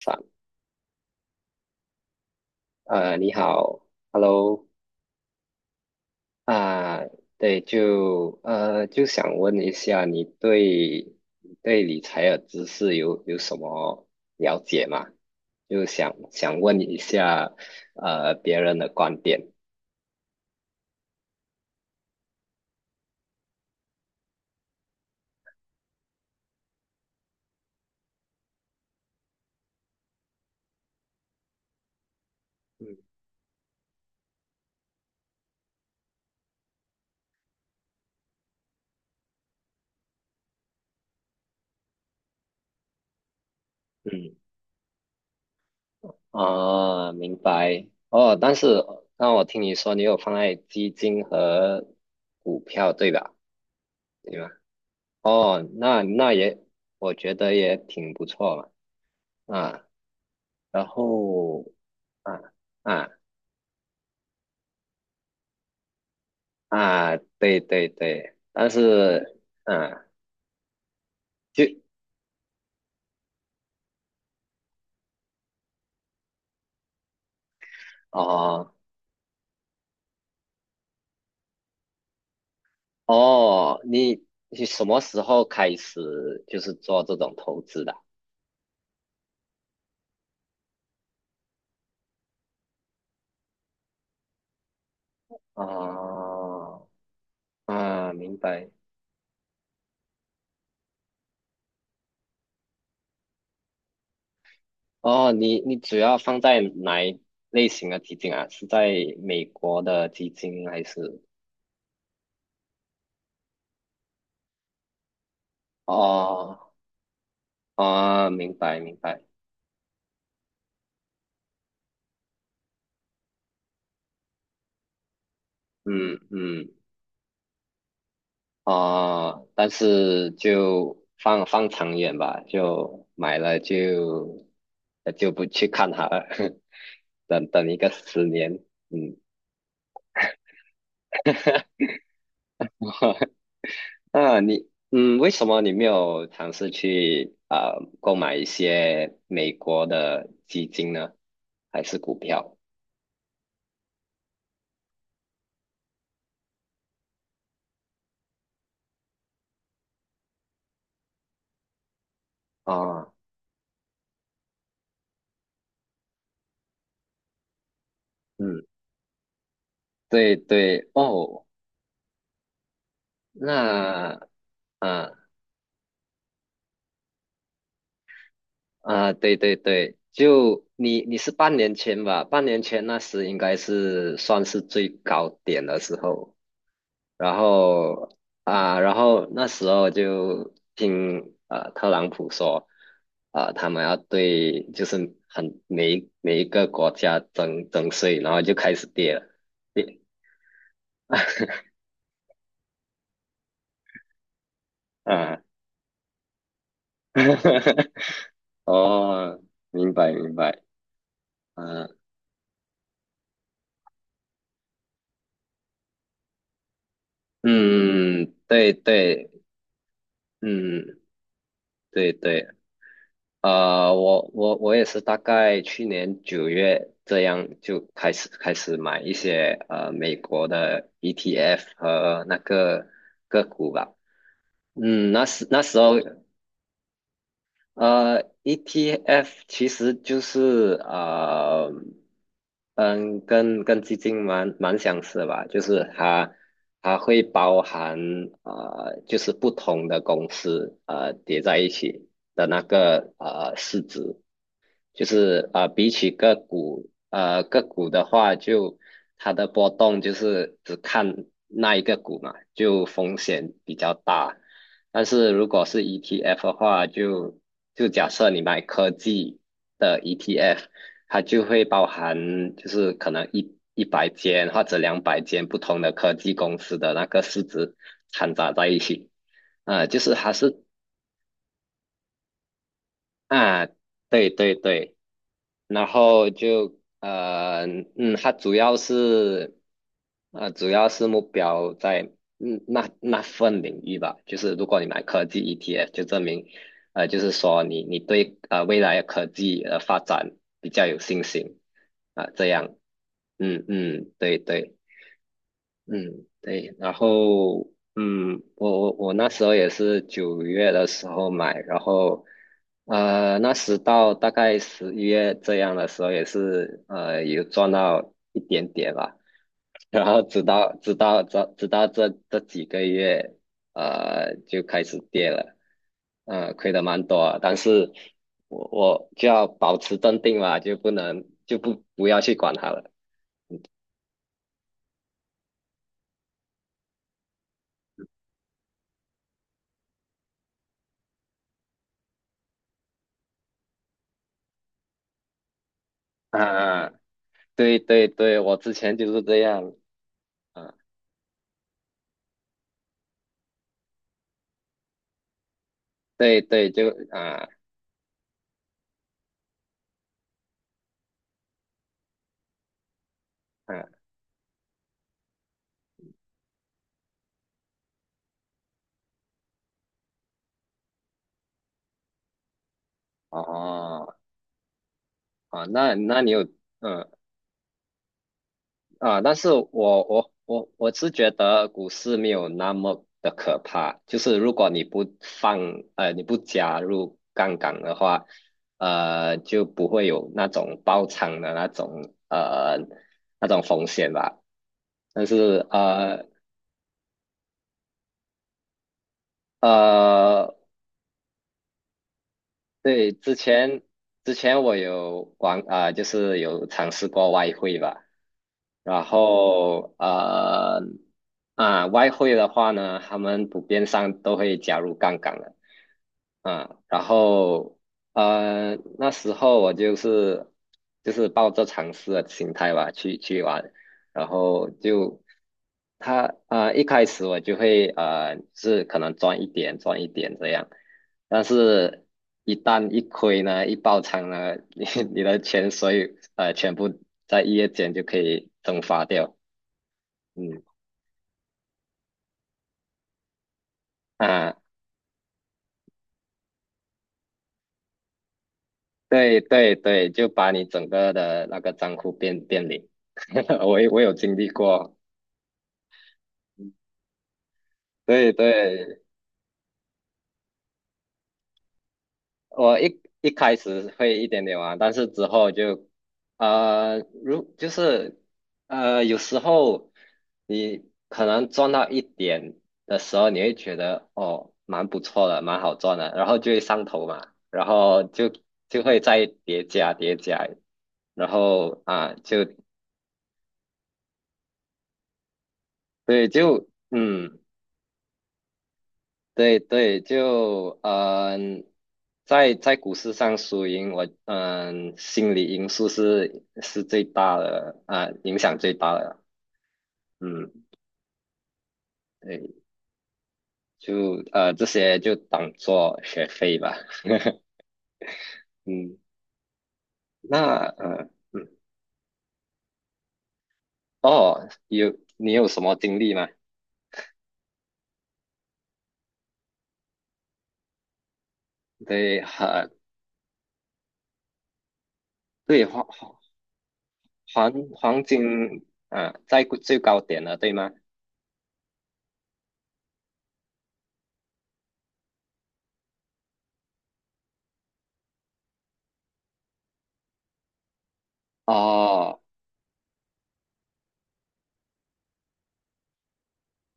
反你好。Hello。啊，对。就想问一下，你对你对理财的知识有什么了解吗？就想问一下，别人的观点。嗯嗯，啊，明白。哦，但是那我听你说你有放在基金和股票，对吧？对吗？哦，那也，我觉得也挺不错嘛。啊。然后。啊啊对对对，但是嗯，就。哦哦，你你什么时候开始就是做这种投资的？哦啊，明白。哦，你你主要放在哪一类型的基金啊？是在美国的基金还是？哦哦，明白明白。嗯嗯但是就放长远吧，就买了就就不去看它了，等等一个十年。嗯。那你嗯，为什么你没有尝试去购买一些美国的基金呢？还是股票？啊，嗯，对对，哦，那。啊。啊，对对对，就你你是半年前吧？半年前那时应该是算是最高点的时候，然后。然后那时候就听特朗普说，啊，他们要对就是每一个国家征税，然后就开始跌了，跌。啊，哦，明白明白。啊，嗯，对对。嗯，对对。我也是大概去年九月这样就开始买一些美国的 ETF 和那个个股吧。嗯，那时候。ETF 其实就是跟基金蛮相似吧，就是它它会包含就是不同的公司叠在一起的那个市值。就是比起个股，个股的话就，它的波动就是只看那一个股嘛，就风险比较大。但是如果是 ETF 的话，就就假设你买科技的 ETF，它就会包含就是可能一百间或者两百间不同的科技公司的那个市值掺杂在一起。啊，就是它是。啊，对对对。然后就嗯，它主要是主要是目标在嗯那份领域吧，就是如果你买科技 ETF，就证明就是说你你对未来的科技的发展比较有信心啊，这样。嗯嗯，对对。嗯，对，然后嗯，我那时候也是九月的时候买，然后那时到大概十一月这样的时候，也是有赚到一点点吧，然后直到这几个月，就开始跌了，亏的蛮多啊，但是我就要保持镇定嘛，就不能就不要去管它了。啊。对对对，我之前就是这样。啊，对对，就啊啊哦。那那你有嗯。但是我是觉得股市没有那么的可怕，就是如果你不放你不加入杠杆的话，就不会有那种爆仓的那种那种风险吧。但是呃，对，之前我有玩就是有尝试过外汇吧，然后啊、外汇的话呢，他们普遍上都会加入杠杆的。然后那时候我就是就是抱着尝试的心态吧去去玩，然后就他一开始我就会是可能赚一点这样。但是，一旦一亏呢，一爆仓呢，你你的钱所有全部在一夜间就可以蒸发掉。嗯。啊，对对对，就把你整个的那个账户变零。我有经历过。对对。我一开始会一点点玩，但是之后就，如就是有时候你可能赚到一点的时候，你会觉得哦，蛮不错的，蛮好赚的，然后就会上头嘛，然后就就会再叠加，然后啊，就对，就嗯。对对，就嗯，在在股市上输赢，我嗯，心理因素是最大的啊，影响最大的。嗯，对，就这些就当做学费吧。嗯，那哦，有你有什么经历吗？对，对。黄金啊，在最高点了，对吗？哦。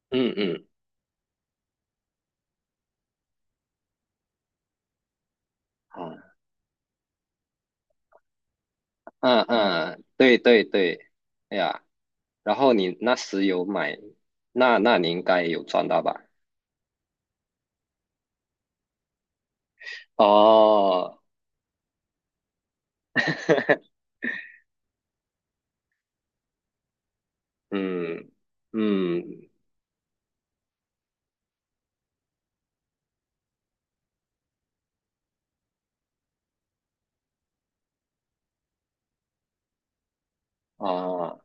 嗯嗯，啊嗯嗯，对对对，哎呀。然后你那时有买，那那你应该有赚到吧？哦，嗯嗯哦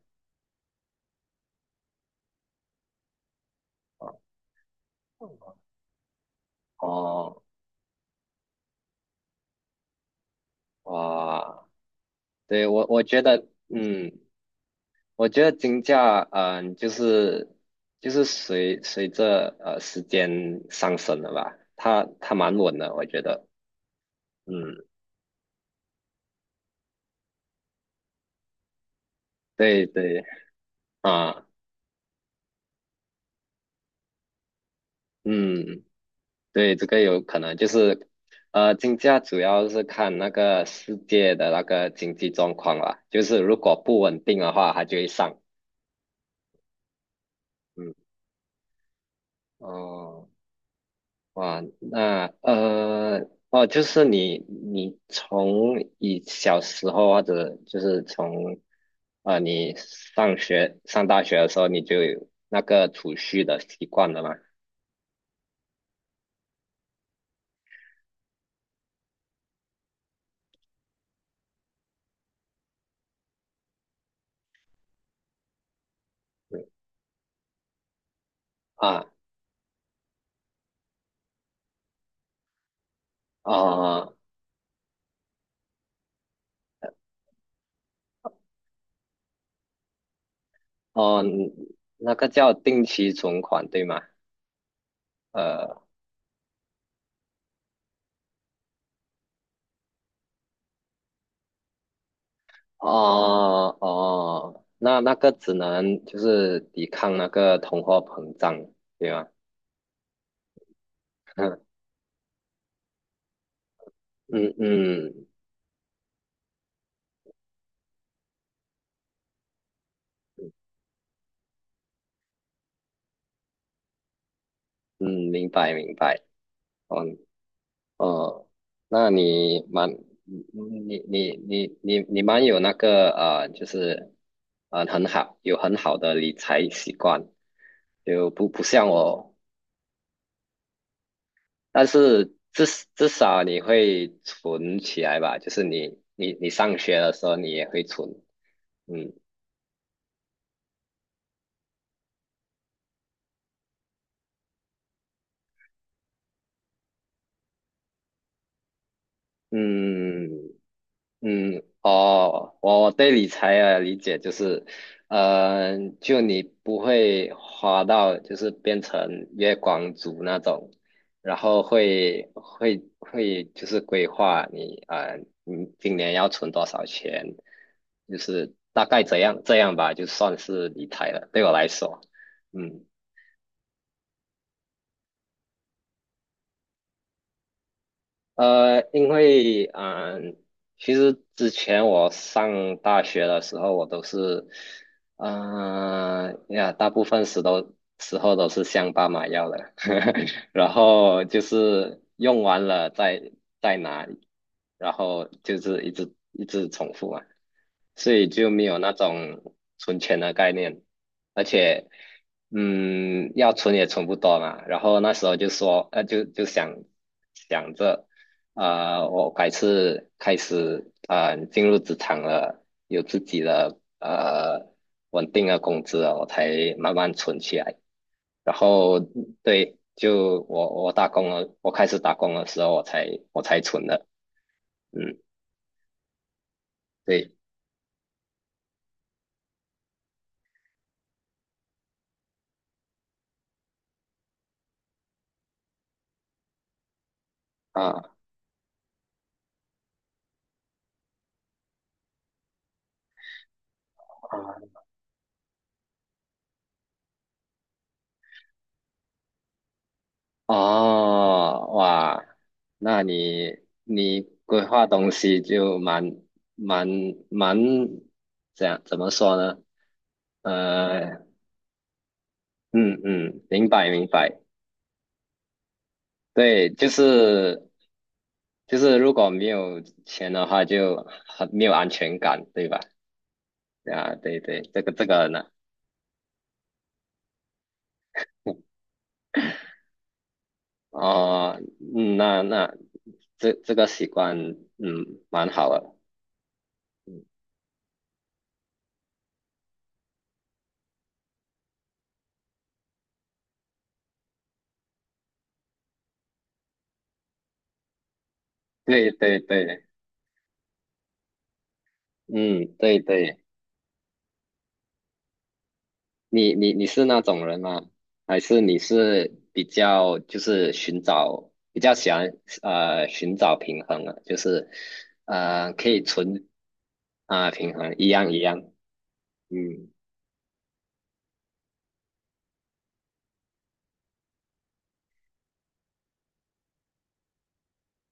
哦哇。对，我我觉得嗯，我觉得金价就是就是随着时间上升了吧，它它蛮稳的，我觉得嗯。对对。啊。嗯。对，这个有可能就是，金价主要是看那个世界的那个经济状况啦，就是如果不稳定的话，它就会上。嗯，哦，哇，那哦，就是你你从你小时候或者就是从你上学上大学的时候，你就有那个储蓄的习惯了吗？嗯。啊，哦。哦，那个叫定期存款，对吗？呃。哦，那那个只能就是抵抗那个通货膨胀，对吗？嗯嗯嗯，明白明白。哦哦，那你蛮你你你蛮有那个就是很好有很好的理财习惯，就不像我。但是至至少你会存起来吧，就是你你上学的时候你也会存。嗯。嗯嗯，哦，我我对理财的理解就是，就你不会花到就是变成月光族那种，然后会就是规划你，你今年要存多少钱，就是大概这样这样吧，就算是理财了，对我来说。嗯呃，因为嗯，其实之前我上大学的时候，我都是，呀，大部分时候都是向爸妈要的，然后就是用完了再再拿，然后就是一直重复嘛，所以就没有那种存钱的概念，而且。嗯，要存也存不多嘛，然后那时候就说，就就想想着。啊，我改是开始啊进入职场了，有自己的稳定的工资了，我才慢慢存起来。然后对，就我打工了，我开始打工的时候，我才存的。嗯，对。啊啊哦哇，那你你规划东西就蛮蛮这样怎么说呢？呃，嗯，明白明白。对，就是就是如果没有钱的话就很没有安全感，对吧？啊，对对，这个这个呢。哦，嗯，那那这这个习惯，嗯，蛮好的。对对对。嗯，对对。你你你是那种人吗？还是你是比较就是寻找比较喜欢寻找平衡的，就是可以存平衡一样一样。嗯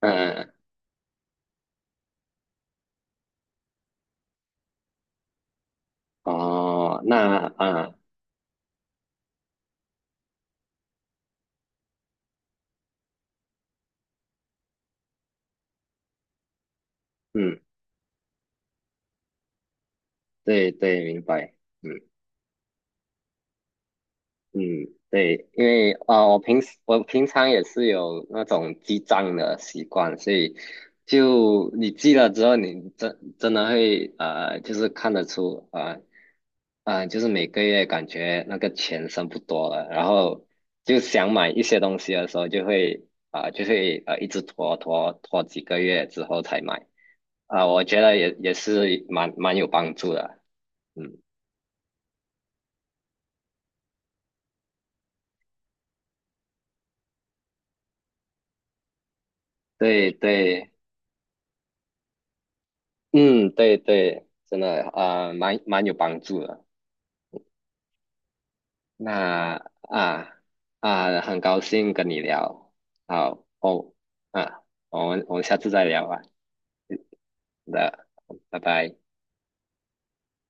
嗯、呃哦那嗯。对对明白。嗯。嗯，对，因为啊，我平时我平常也是有那种记账的习惯，所以就你记了之后，你真真的会就是看得出就是每个月感觉那个钱剩不多了，然后就想买一些东西的时候，就会就会一直拖几个月之后才买。我觉得也也是蛮有帮助的。嗯，对对。嗯，对对，真的啊，蛮蛮有帮助的。那啊很高兴跟你聊，好哦啊，我们我们下次再聊吧。那，拜拜。